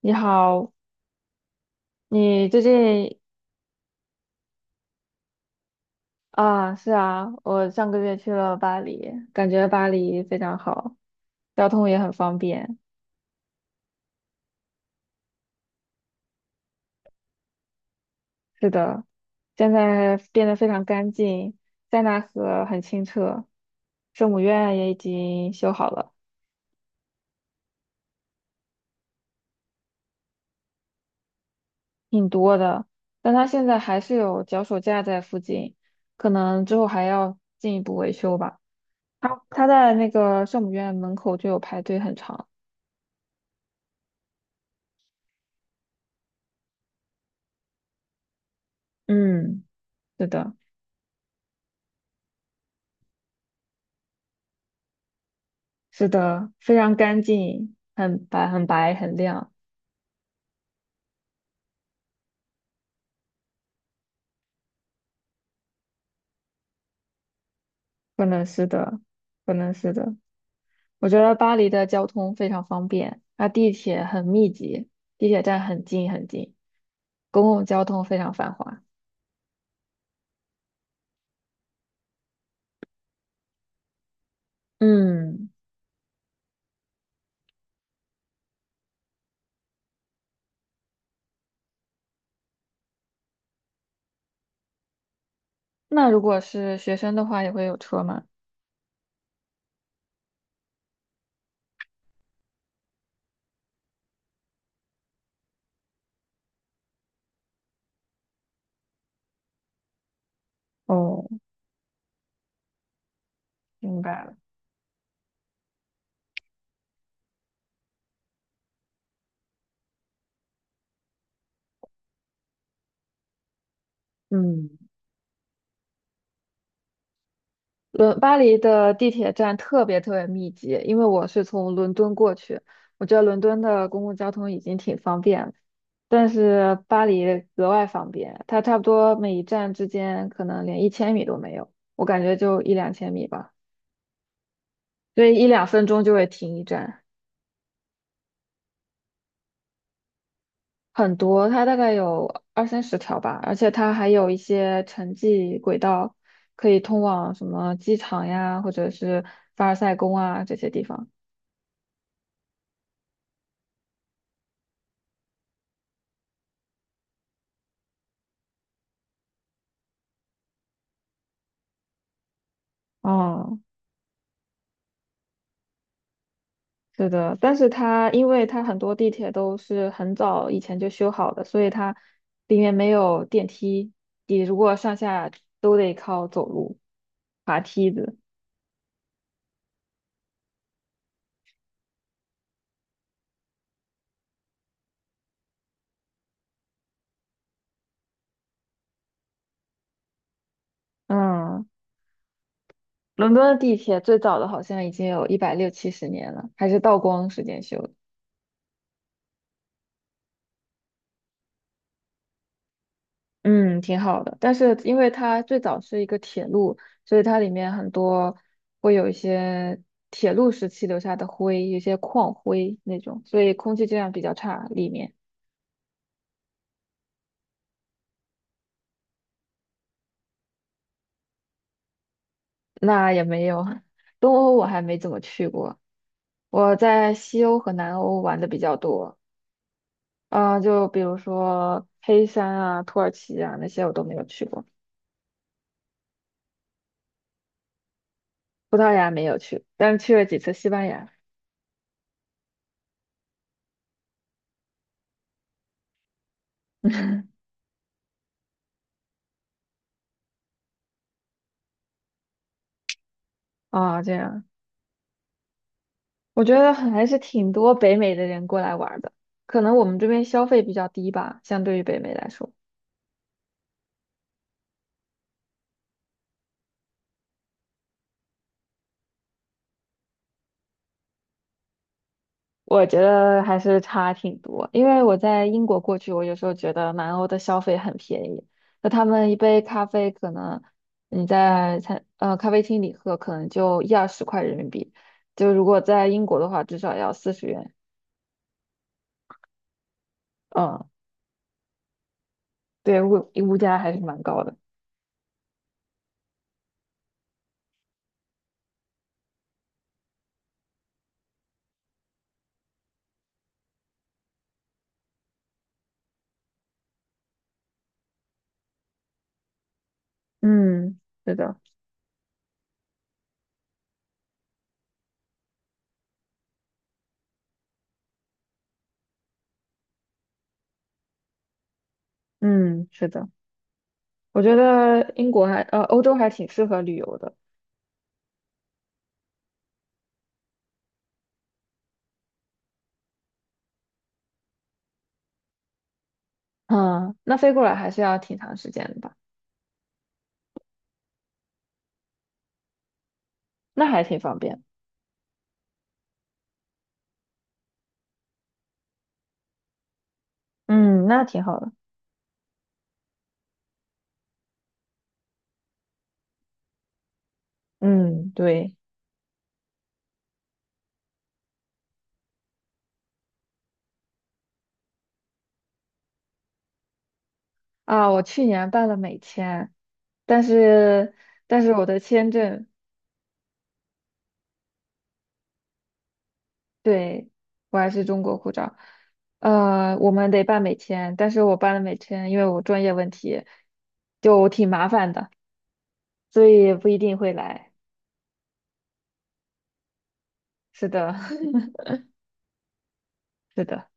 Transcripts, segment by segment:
你好，你最近。啊，是啊，我上个月去了巴黎，感觉巴黎非常好，交通也很方便。是的，现在变得非常干净，塞纳河很清澈，圣母院也已经修好了，挺多的。但它现在还是有脚手架在附近，可能之后还要进一步维修吧。它在那个圣母院门口就有排队很长。嗯，是的。是的，非常干净，很白、很白、很亮，可能是的，可能是的。我觉得巴黎的交通非常方便，它地铁很密集，地铁站很近很近，公共交通非常繁华。嗯，那如果是学生的话，也会有车吗？哦，明白了。嗯。巴黎的地铁站特别特别密集，因为我是从伦敦过去，我觉得伦敦的公共交通已经挺方便了，但是巴黎格外方便，它差不多每一站之间可能连1千米都没有，我感觉就一两千米吧，所以一两分钟就会停一站，很多，它大概有二三十条吧，而且它还有一些城际轨道，可以通往什么机场呀，或者是凡尔赛宫啊这些地方。哦，是的，但是它因为它很多地铁都是很早以前就修好的，所以它里面没有电梯，你如果上下都得靠走路、爬梯子。嗯，伦敦的地铁最早的好像已经有一百六七十年了，还是道光时间修的。嗯，挺好的。但是因为它最早是一个铁路，所以它里面很多会有一些铁路时期留下的灰，有一些矿灰那种，所以空气质量比较差，里面。那也没有，东欧我还没怎么去过，我在西欧和南欧玩的比较多，啊、就比如说黑山啊、土耳其啊那些我都没有去过，但是去了几次西班牙。啊、这样，我觉得还是挺多北美的人过来玩儿的，可能我们这边消费比较低吧，相对于北美来说。我觉得还是差挺多，因为我在英国过去，我有时候觉得南欧的消费很便宜，那他们一杯咖啡可能你在咖啡厅里喝，可能就一二十块人民币，就如果在英国的话，至少要40元。嗯，对，物价还是蛮高的。嗯，是的，嗯，是的，我觉得英国欧洲还挺适合旅游的。嗯，那飞过来还是要挺长时间的吧？那还挺方便。嗯，那挺好的。嗯，对。啊，我去年办了美签，但是但是我的签证。对，我还是中国护照，呃，我们得办美签，但是我办了美签，因为我专业问题就挺麻烦的，所以不一定会来。是的，是的，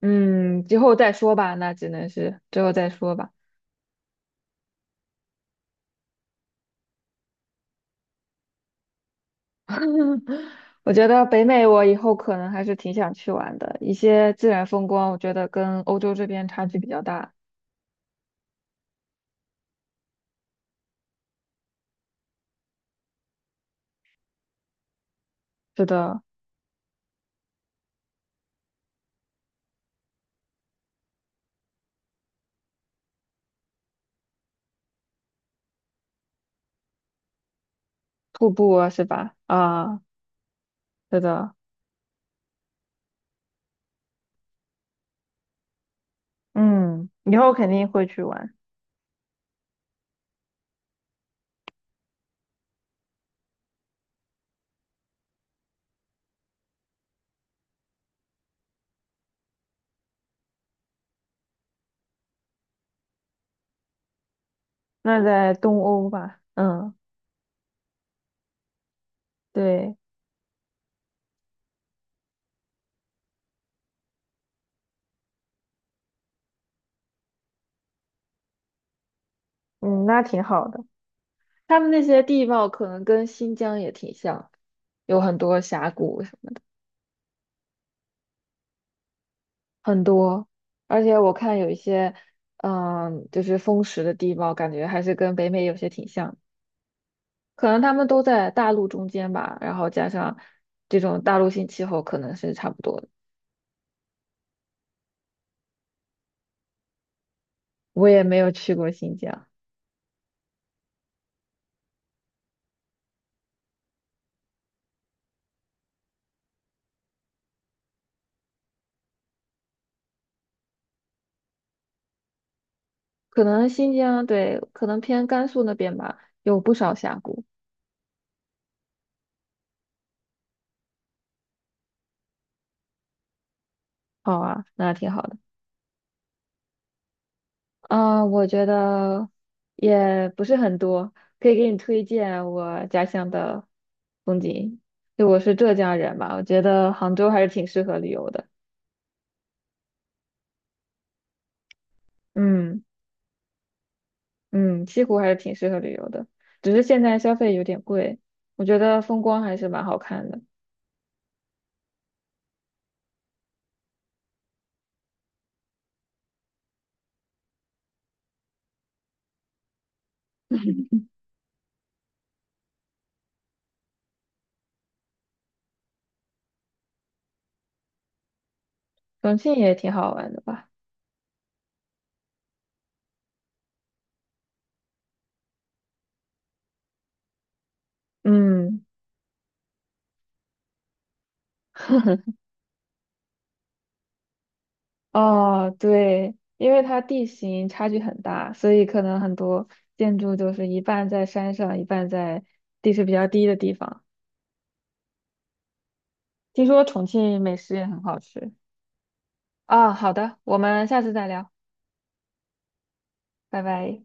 嗯，之后再说吧，那只能是之后再说吧。我觉得北美我以后可能还是挺想去玩的，一些自然风光，我觉得跟欧洲这边差距比较大。是的。瀑布啊是吧？啊，是的，嗯，以后肯定会去玩。那在东欧吧，嗯，对，嗯，那挺好的。他们那些地貌可能跟新疆也挺像，有很多峡谷，很多，而且我看有一些，嗯，就是风蚀的地貌，感觉还是跟北美有些挺像，可能他们都在大陆中间吧，然后加上这种大陆性气候，可能是差不多的。我也没有去过新疆。可能新疆，对，可能偏甘肃那边吧，有不少峡谷。好啊，那挺好的。啊、我觉得也不是很多，可以给你推荐我家乡的风景。就我是浙江人嘛，我觉得杭州还是挺适合旅游的。嗯，嗯，西湖还是挺适合旅游的，只是现在消费有点贵。我觉得风光还是蛮好看的，重庆也挺好玩的吧。嗯。哦，对，因为它地形差距很大，所以可能很多建筑就是一半在山上，一半在地势比较低的地方。听说重庆美食也很好吃。啊，好的，我们下次再聊，拜拜。